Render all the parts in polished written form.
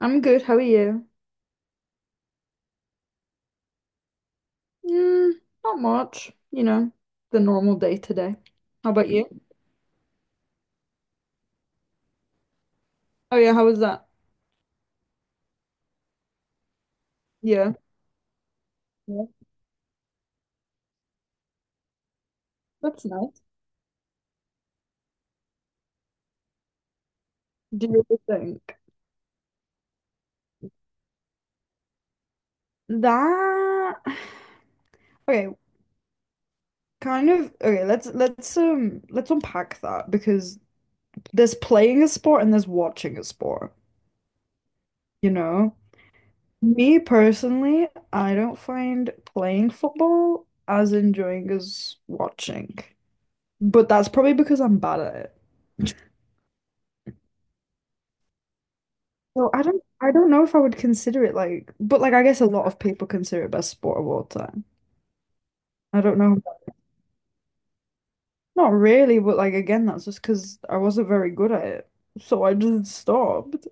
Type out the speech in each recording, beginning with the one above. I'm good. How are you? Mm, not much, you know, the normal day today. How about you? Oh yeah, how was that? Yeah. Yeah, that's nice. Do you really think that? Okay, kind of. Okay, let's unpack that because there's playing a sport and there's watching a sport, you know? Me personally, I don't find playing football as enjoying as watching. But that's probably because I'm bad at it. Well, I don't know if I would consider it like but like I guess a lot of people consider it best sport of all time. I don't know. Not really, but like again, that's just because I wasn't very good at it. So I just stopped.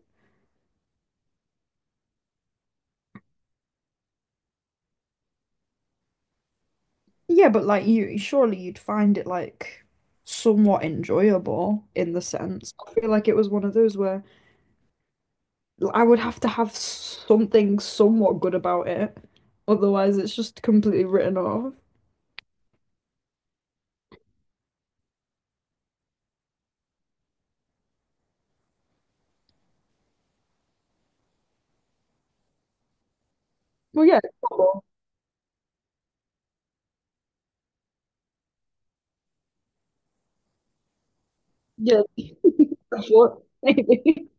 Yeah, but like you surely you'd find it like somewhat enjoyable in the sense. I feel like it was one of those where I would have to have something somewhat good about it. Otherwise it's just completely written off. Well yeah, football. Yeah, that's what maybe.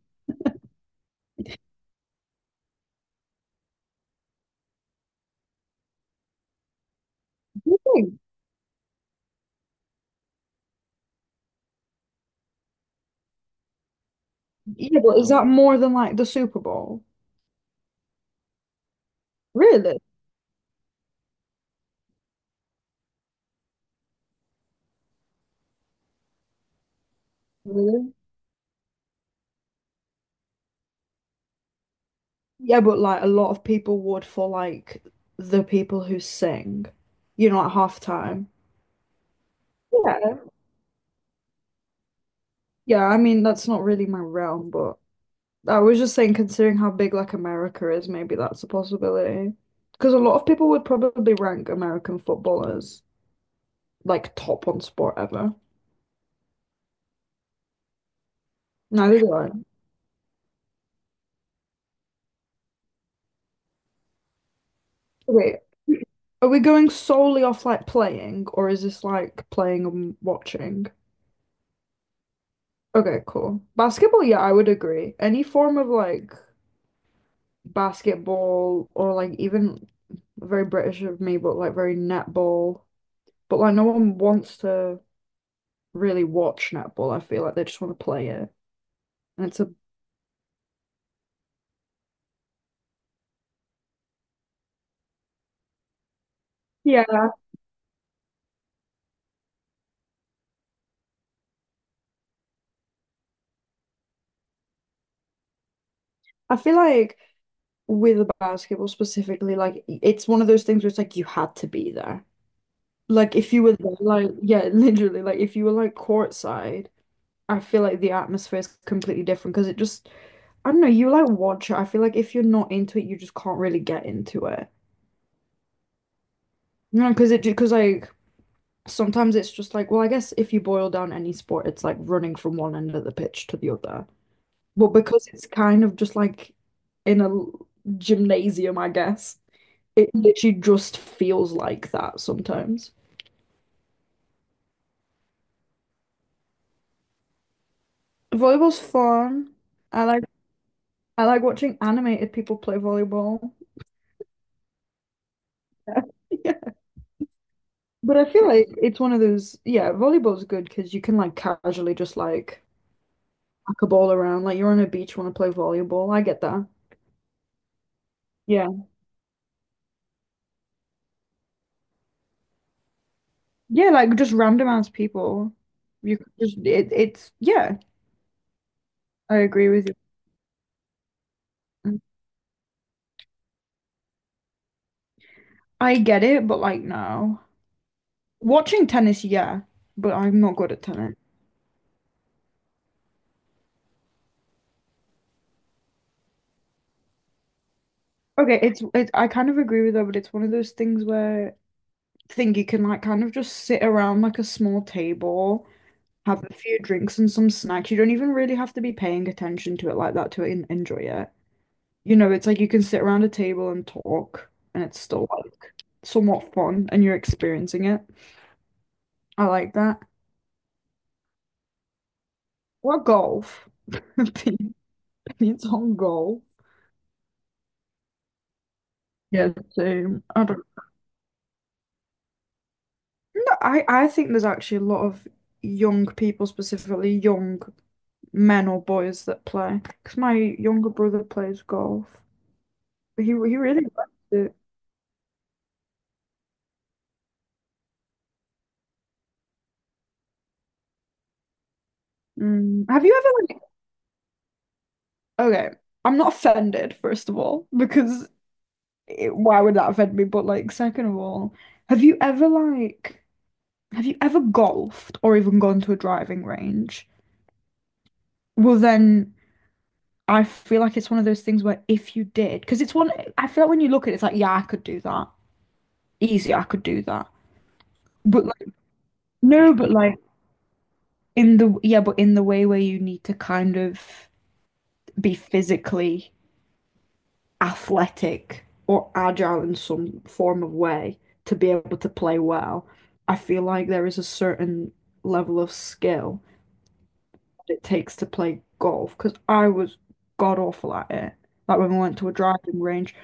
Yeah, but is that more than like the Super Bowl? Really? Really? Yeah, but like a lot of people would for like the people who sing, you know, at halftime. Yeah. Yeah, I mean, that's not really my realm, but I was just saying, considering how big like America is, maybe that's a possibility. Because a lot of people would probably rank American football as like top one sport ever. Neither do I. Wait, are we going solely off like playing, or is this like playing and watching? Okay, cool. Basketball, yeah, I would agree. Any form of like basketball or like even very British of me, but like very netball. But like no one wants to really watch netball. I feel like they just want to play it. And it's a yeah. I feel like with basketball specifically, like it's one of those things where it's like you had to be there. Like if you were there, like yeah, literally, like if you were like courtside, I feel like the atmosphere is completely different because it just I don't know, you like watch it. I feel like if you're not into it, you just can't really get into it. You know, because it because like sometimes it's just like, well, I guess if you boil down any sport, it's like running from one end of the pitch to the other. But because it's kind of just like in a gymnasium, I guess, it literally just feels like that sometimes. Volleyball's fun. I like I like watching animated people play volleyball. Yeah. Yeah. But I feel like it's one of those, yeah, volleyball's good because you can like casually just like pack a ball around, like you're on a beach, you want to play volleyball. I get that. Yeah. Yeah, like just random ass people. You could just it, it's yeah, I agree with you. I get it, but like no. Watching tennis, yeah, but I'm not good at tennis. Okay, it's it, I kind of agree with her, but it's one of those things where I think you can like kind of just sit around like a small table, have a few drinks and some snacks. You don't even really have to be paying attention to it like that to enjoy it. You know, it's like you can sit around a table and talk, and it's still like somewhat fun, and you're experiencing it. I like that. Or golf. Opinions on golf. Yeah, same. I don't. No, I think there's actually a lot of young people, specifically young men or boys that play. Because my younger brother plays golf. He really likes it. Mm. Have you ever like? Okay, I'm not offended, first of all, because it- why would that offend me? But like, second of all, have you ever like have you ever golfed or even gone to a driving range? Well, then I feel like it's one of those things where if you did, because it's one I feel like when you look at it, it's like, yeah, I could do that. Easy, I could do that. But like no, but like in the yeah, but in the way where you need to kind of be physically athletic or agile in some form of way to be able to play well. I feel like there is a certain level of skill that it takes to play golf because I was god awful at it. Like when we went to a driving range,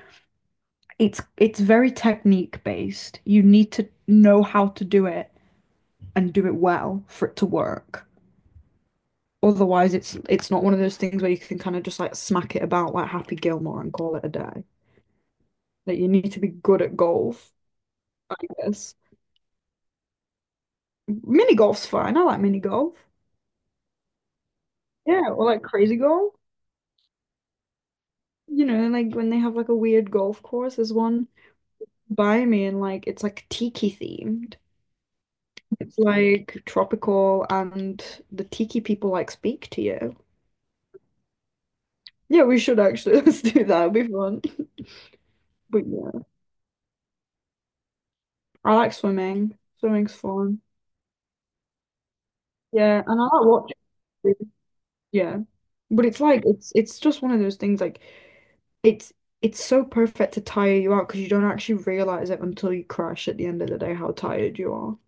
it's very technique based. You need to know how to do it and do it well for it to work. Otherwise, it's not one of those things where you can kind of just like smack it about like Happy Gilmore and call it a day. Like you need to be good at golf, I guess. Mini golf's fine. I like mini golf. Yeah, or like crazy golf. You know, like when they have like a weird golf course, there's one by me and like it's like tiki themed. It's like tropical and the tiki people like speak to you. Yeah, we should actually let's do that. It'll be fun. But yeah, I like swimming. Swimming's fun. Yeah, and I like watching. Yeah. But it's like it's just one of those things like it's so perfect to tire you out because you don't actually realize it until you crash at the end of the day how tired you are.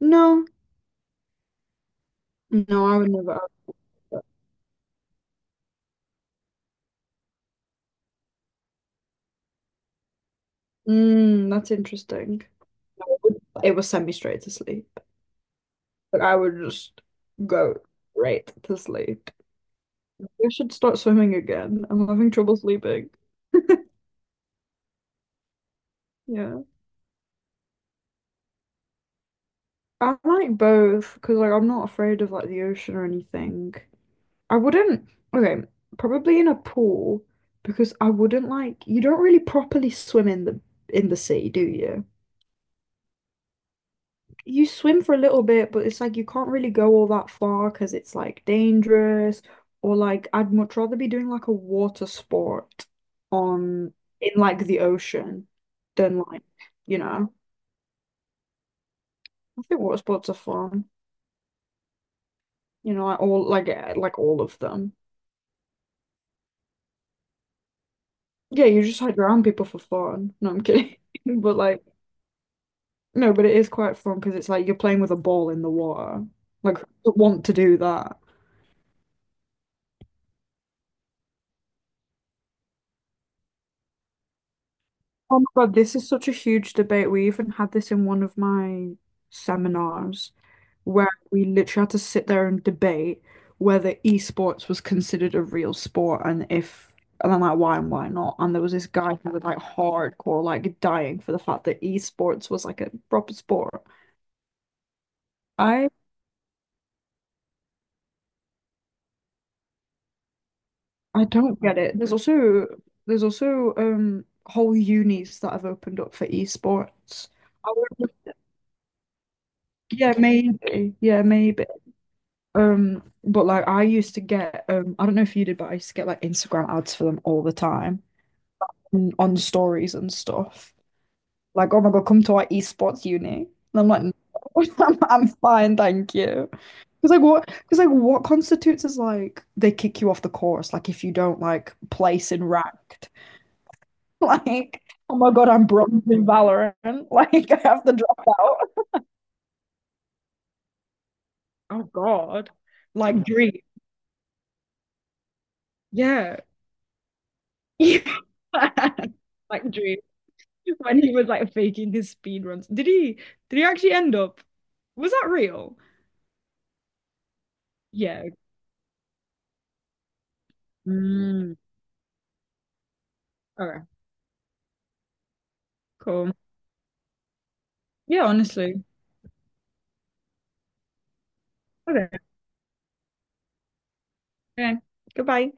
No, no, I would never ask that. Mm, that's interesting. No, it would it would send me straight to sleep. Like I would just go straight to sleep. I should start swimming again. I'm having trouble sleeping. Yeah, I like both because like I'm not afraid of like the ocean or anything. I wouldn't, okay, probably in a pool because I wouldn't like you don't really properly swim in the sea, do you? You swim for a little bit, but it's like you can't really go all that far because it's like dangerous or like I'd much rather be doing like a water sport on in like the ocean than like, you know, I think water sports are fun. You know, like all like eh, like all of them. Yeah, you just hide around people for fun. No, I'm kidding. But like no, but it is quite fun because it's like you're playing with a ball in the water. Like, who would want to do that? Oh my God, this is such a huge debate. We even had this in one of my seminars where we literally had to sit there and debate whether esports was considered a real sport and if, and then like why and why not. And there was this guy who was like hardcore, like dying for the fact that esports was like a proper sport. I I don't get it. There's also whole unis that have opened up for esports. I would, yeah, maybe. Yeah, maybe. But like I used to get I don't know if you did, but I used to get like Instagram ads for them all the time on stories and stuff. Like, oh my God, come to our esports uni. And I'm like, "No, I'm fine, thank you. Because like what? Because like what constitutes as like they kick you off the course? Like if you don't like place in ranked. Like, oh my God, I'm bronze in Valorant. Like, I have to drop out. Oh God. Like Dream. Yeah. Like Dream. When he was like faking his speed runs. Did he actually end up? Was that real? Yeah. Mm. Okay. Cool. Yeah, honestly. Okay. Okay. Goodbye.